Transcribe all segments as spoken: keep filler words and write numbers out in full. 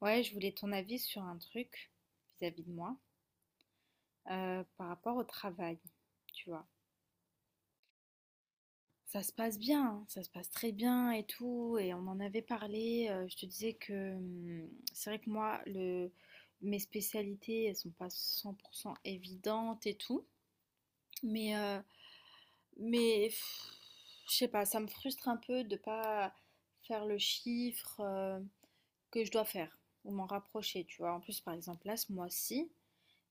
Ouais, je voulais ton avis sur un truc vis-à-vis de moi, euh, par rapport au travail, tu vois. Ça se passe bien, hein, ça se passe très bien et tout, et on en avait parlé. Euh, je te disais que hum, c'est vrai que moi, le, mes spécialités, elles sont pas cent pour cent évidentes et tout, mais, euh, mais pff, je sais pas, ça me frustre un peu de pas faire le chiffre euh, que je dois faire ou m'en rapprocher, tu vois. En plus, par exemple, là, ce mois-ci,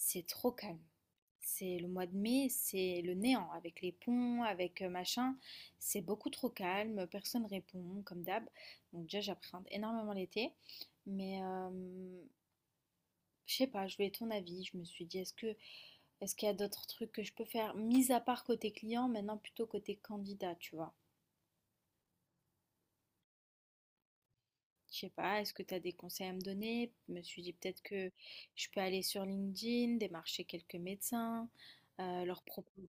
c'est trop calme. C'est le mois de mai, c'est le néant avec les ponts, avec euh, machin. C'est beaucoup trop calme, personne répond comme d'hab. Donc déjà j'appréhende énormément l'été, mais euh, je sais pas, je voulais ton avis. Je me suis dit est-ce que est-ce qu'il y a d'autres trucs que je peux faire mis à part côté client, maintenant plutôt côté candidat, tu vois. Je sais pas, est-ce que tu as des conseils à me donner? Je me suis dit peut-être que je peux aller sur LinkedIn, démarcher quelques médecins, euh, leur proposer.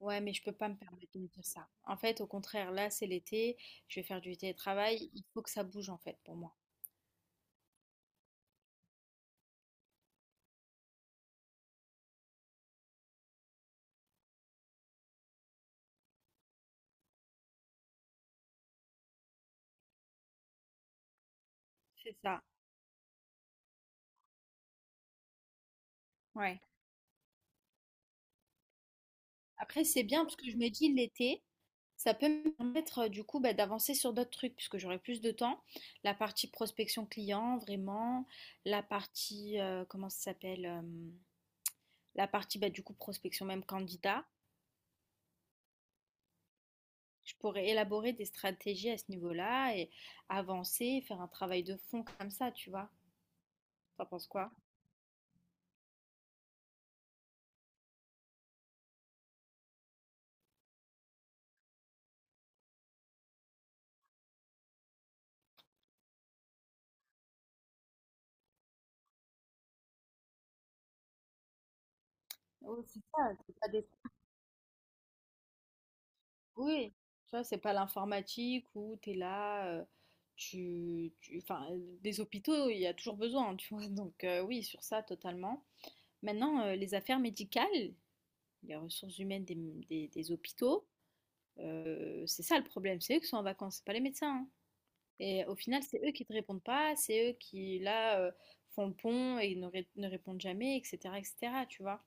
Ouais, mais je peux pas me permettre de me dire ça. En fait, au contraire, là, c'est l'été, je vais faire du télétravail, il faut que ça bouge en fait pour moi. C'est ça, ouais. Après, c'est bien parce que je me dis l'été, ça peut me permettre euh, du coup bah, d'avancer sur d'autres trucs puisque j'aurai plus de temps. La partie prospection client, vraiment, la partie, euh, comment ça s'appelle, euh, la partie bah, du coup prospection même candidat. Je pourrais élaborer des stratégies à ce niveau-là et avancer, faire un travail de fond comme ça, tu vois. T'en penses quoi? Oui, c'est ça, c'est pas des trucs- oui, tu vois, c'est pas l'informatique où tu es là, euh, tu, tu- enfin, euh, des hôpitaux, il y a toujours besoin, hein, tu vois. Donc euh, oui, sur ça, totalement. Maintenant, euh, les affaires médicales, les ressources humaines des, des- des hôpitaux, euh, c'est ça le problème, c'est eux qui sont en vacances, c'est pas les médecins, hein. Et au final, c'est eux qui te répondent pas, c'est eux qui, là, euh, font le pont et ne, ré- ne répondent jamais, et cetera, et cetera, tu vois.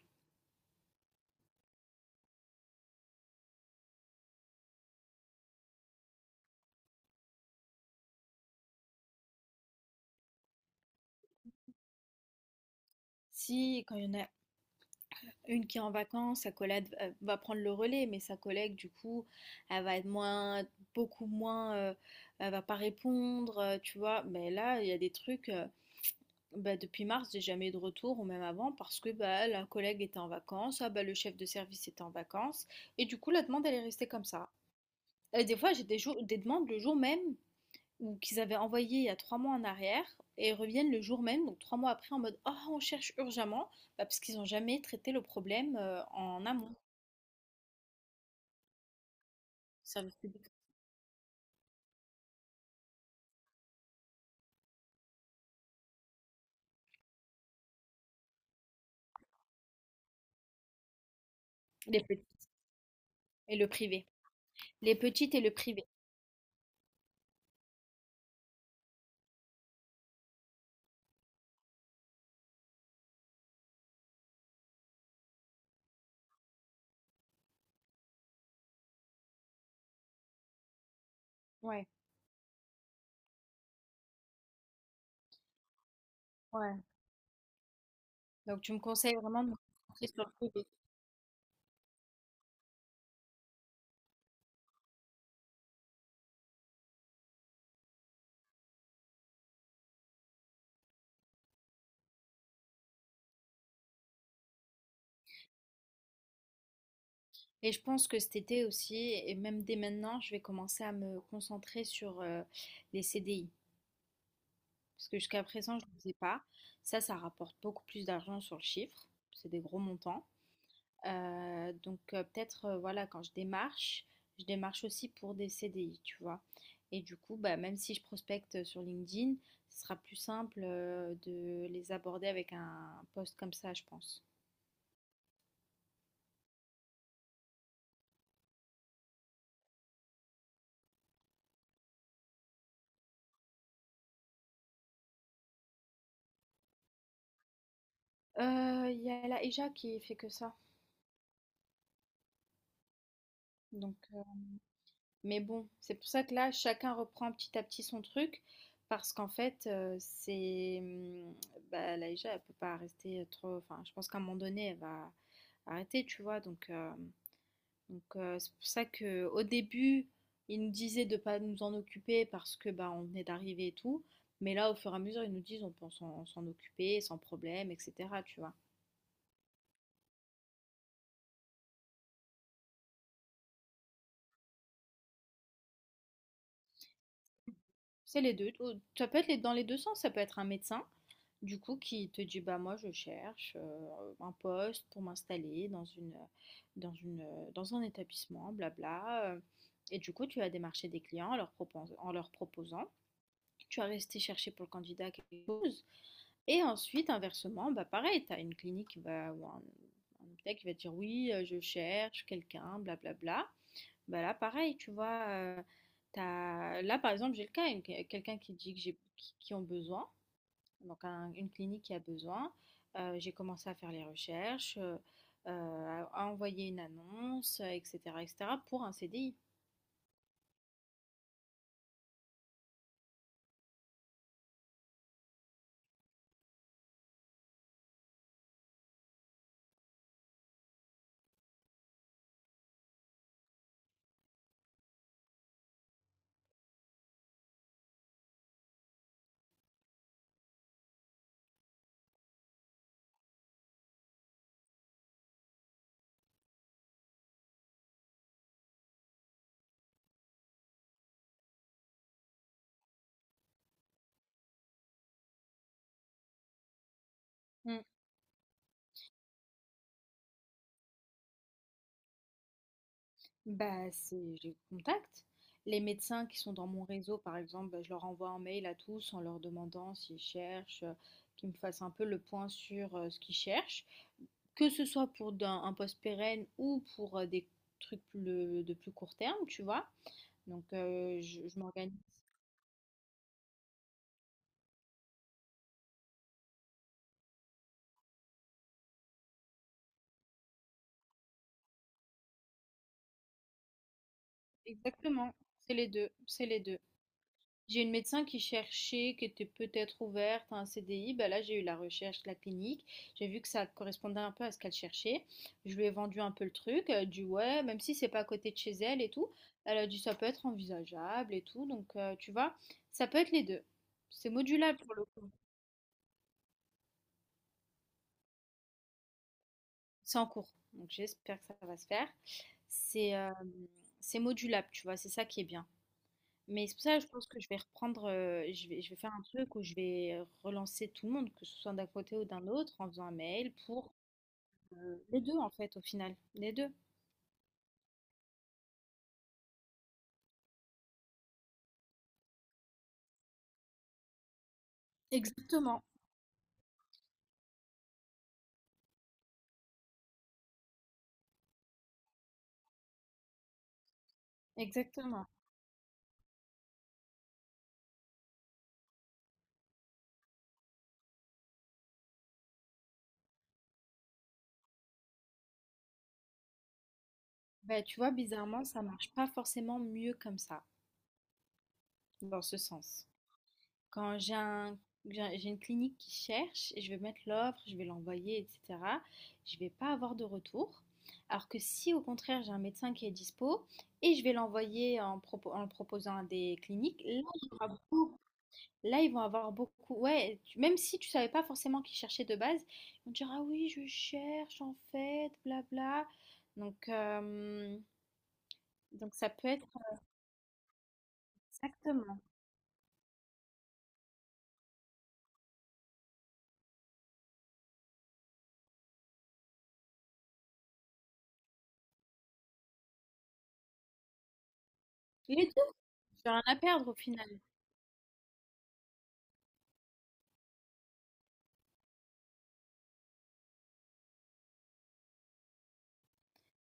Si, quand il y en a une qui est en vacances, sa collègue euh, va prendre le relais, mais sa collègue, du coup, elle va être moins, beaucoup moins, euh, elle va pas répondre, euh, tu vois. Mais là, il y a des trucs, euh, bah, depuis mars, j'ai jamais eu de retour, ou même avant, parce que bah, la collègue était en vacances, ah, bah, le chef de service était en vacances, et du coup, la demande, elle est restée comme ça. Et des fois, j'ai des jours, des demandes le jour même, ou qu'ils avaient envoyé il y a trois mois en arrière, et reviennent le jour même, donc trois mois après, en mode, oh, on cherche urgemment, bah, parce qu'ils n'ont jamais traité le problème euh, en amont. Service public. Les petits et le privé. Les petites et le privé. Ouais, ouais. Donc tu me conseilles vraiment de me concentrer sur le privé. Et je pense que cet été aussi, et même dès maintenant, je vais commencer à me concentrer sur euh, les C D I. Parce que jusqu'à présent, je ne le faisais pas. Ça, ça rapporte beaucoup plus d'argent sur le chiffre. C'est des gros montants. Euh, donc euh, peut-être, euh, voilà, quand je démarche, je démarche aussi pour des C D I, tu vois. Et du coup, bah, même si je prospecte sur LinkedIn, ce sera plus simple euh, de les aborder avec un post comme ça, je pense. Euh, Il y a la E J A qui fait que ça. Donc, euh, mais bon, c'est pour ça que là, chacun reprend petit à petit son truc. Parce qu'en fait, euh, c'est. Hum, Bah, la E J A, elle peut pas rester trop. Enfin, je pense qu'à un moment donné, elle va arrêter, tu vois. Donc, euh, Donc, euh, c'est pour ça que au début, ils nous disaient de ne pas nous en occuper parce que bah, on venait d'arriver et tout. Mais là, au fur et à mesure, ils nous disent on peut s'en s'en occuper sans problème, et cetera. Tu vois. C'est les deux. Ça peut être dans les deux sens. Ça peut être un médecin, du coup, qui te dit bah moi je cherche euh, un poste pour m'installer dans une, dans une, euh, dans un établissement, blabla. euh, Et du coup, tu vas démarcher des clients en leur propos- en leur proposant. Tu vas rester chercher pour le candidat quelque chose. Et ensuite, inversement, bah pareil, tu as une clinique qui va, ou un, un hôpital qui va te dire oui, euh, je cherche quelqu'un, blablabla. Bah là, pareil, tu vois, euh, t'as- là, par exemple, j'ai le cas, une- quelqu'un qui dit que j'ai, qui, qui ont besoin, donc un- une clinique qui a besoin. Euh, j'ai commencé à faire les recherches, euh, euh, à à envoyer une annonce, euh, et cetera, et cetera, pour un C D I. Bah, c'est je les contacte. Les médecins qui sont dans mon réseau, par exemple, bah, je leur envoie un mail à tous en leur demandant s'ils cherchent, euh, qu'ils me fassent un peu le point sur euh, ce qu'ils cherchent, que ce soit pour d'un- un poste pérenne ou pour euh, des trucs plus- de plus court terme, tu vois. Donc, euh, je, je m'organise. Exactement, c'est les deux, c'est les deux. J'ai une médecin qui cherchait, qui était peut-être ouverte à un C D I. Bah là, j'ai eu la recherche, de la clinique. J'ai vu que ça correspondait un peu à ce qu'elle cherchait. Je lui ai vendu un peu le truc. Elle a dit ouais, même si c'est pas à côté de chez elle et tout. Elle a dit ça peut être envisageable et tout. Donc, euh, tu vois, ça peut être les deux. C'est modulable pour le coup. C'est en cours. Donc, j'espère que ça va se faire. C'est euh, c'est modulable, tu vois. C'est ça qui est bien. Mais c'est pour ça, je pense que je vais reprendre, heu, je vais je vais faire un truc où je vais relancer tout le monde, que ce soit d'un côté ou d'un autre, en faisant un mail pour, heu, les deux en fait, au final, les deux. Exactement, exactement. Bah, tu vois, bizarrement, ça marche pas forcément mieux comme ça, dans ce sens. Quand j'ai un j'ai j'ai une clinique qui cherche et je vais mettre l'offre, je vais l'envoyer, et cetera, je vais pas avoir de retour. Alors que si au contraire j'ai un médecin qui est dispo et je vais l'envoyer en, propo- en le proposant à des cliniques, là, il y aura beaucoup- là, ils vont avoir beaucoup. Ouais, tu- même si tu savais pas forcément qui cherchait de base, ils vont te dire ah oui je cherche en fait, blabla. Donc euh, donc ça peut être exactement. Les deux, j'ai rien à perdre au final.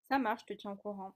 Ça marche, je te tiens au courant.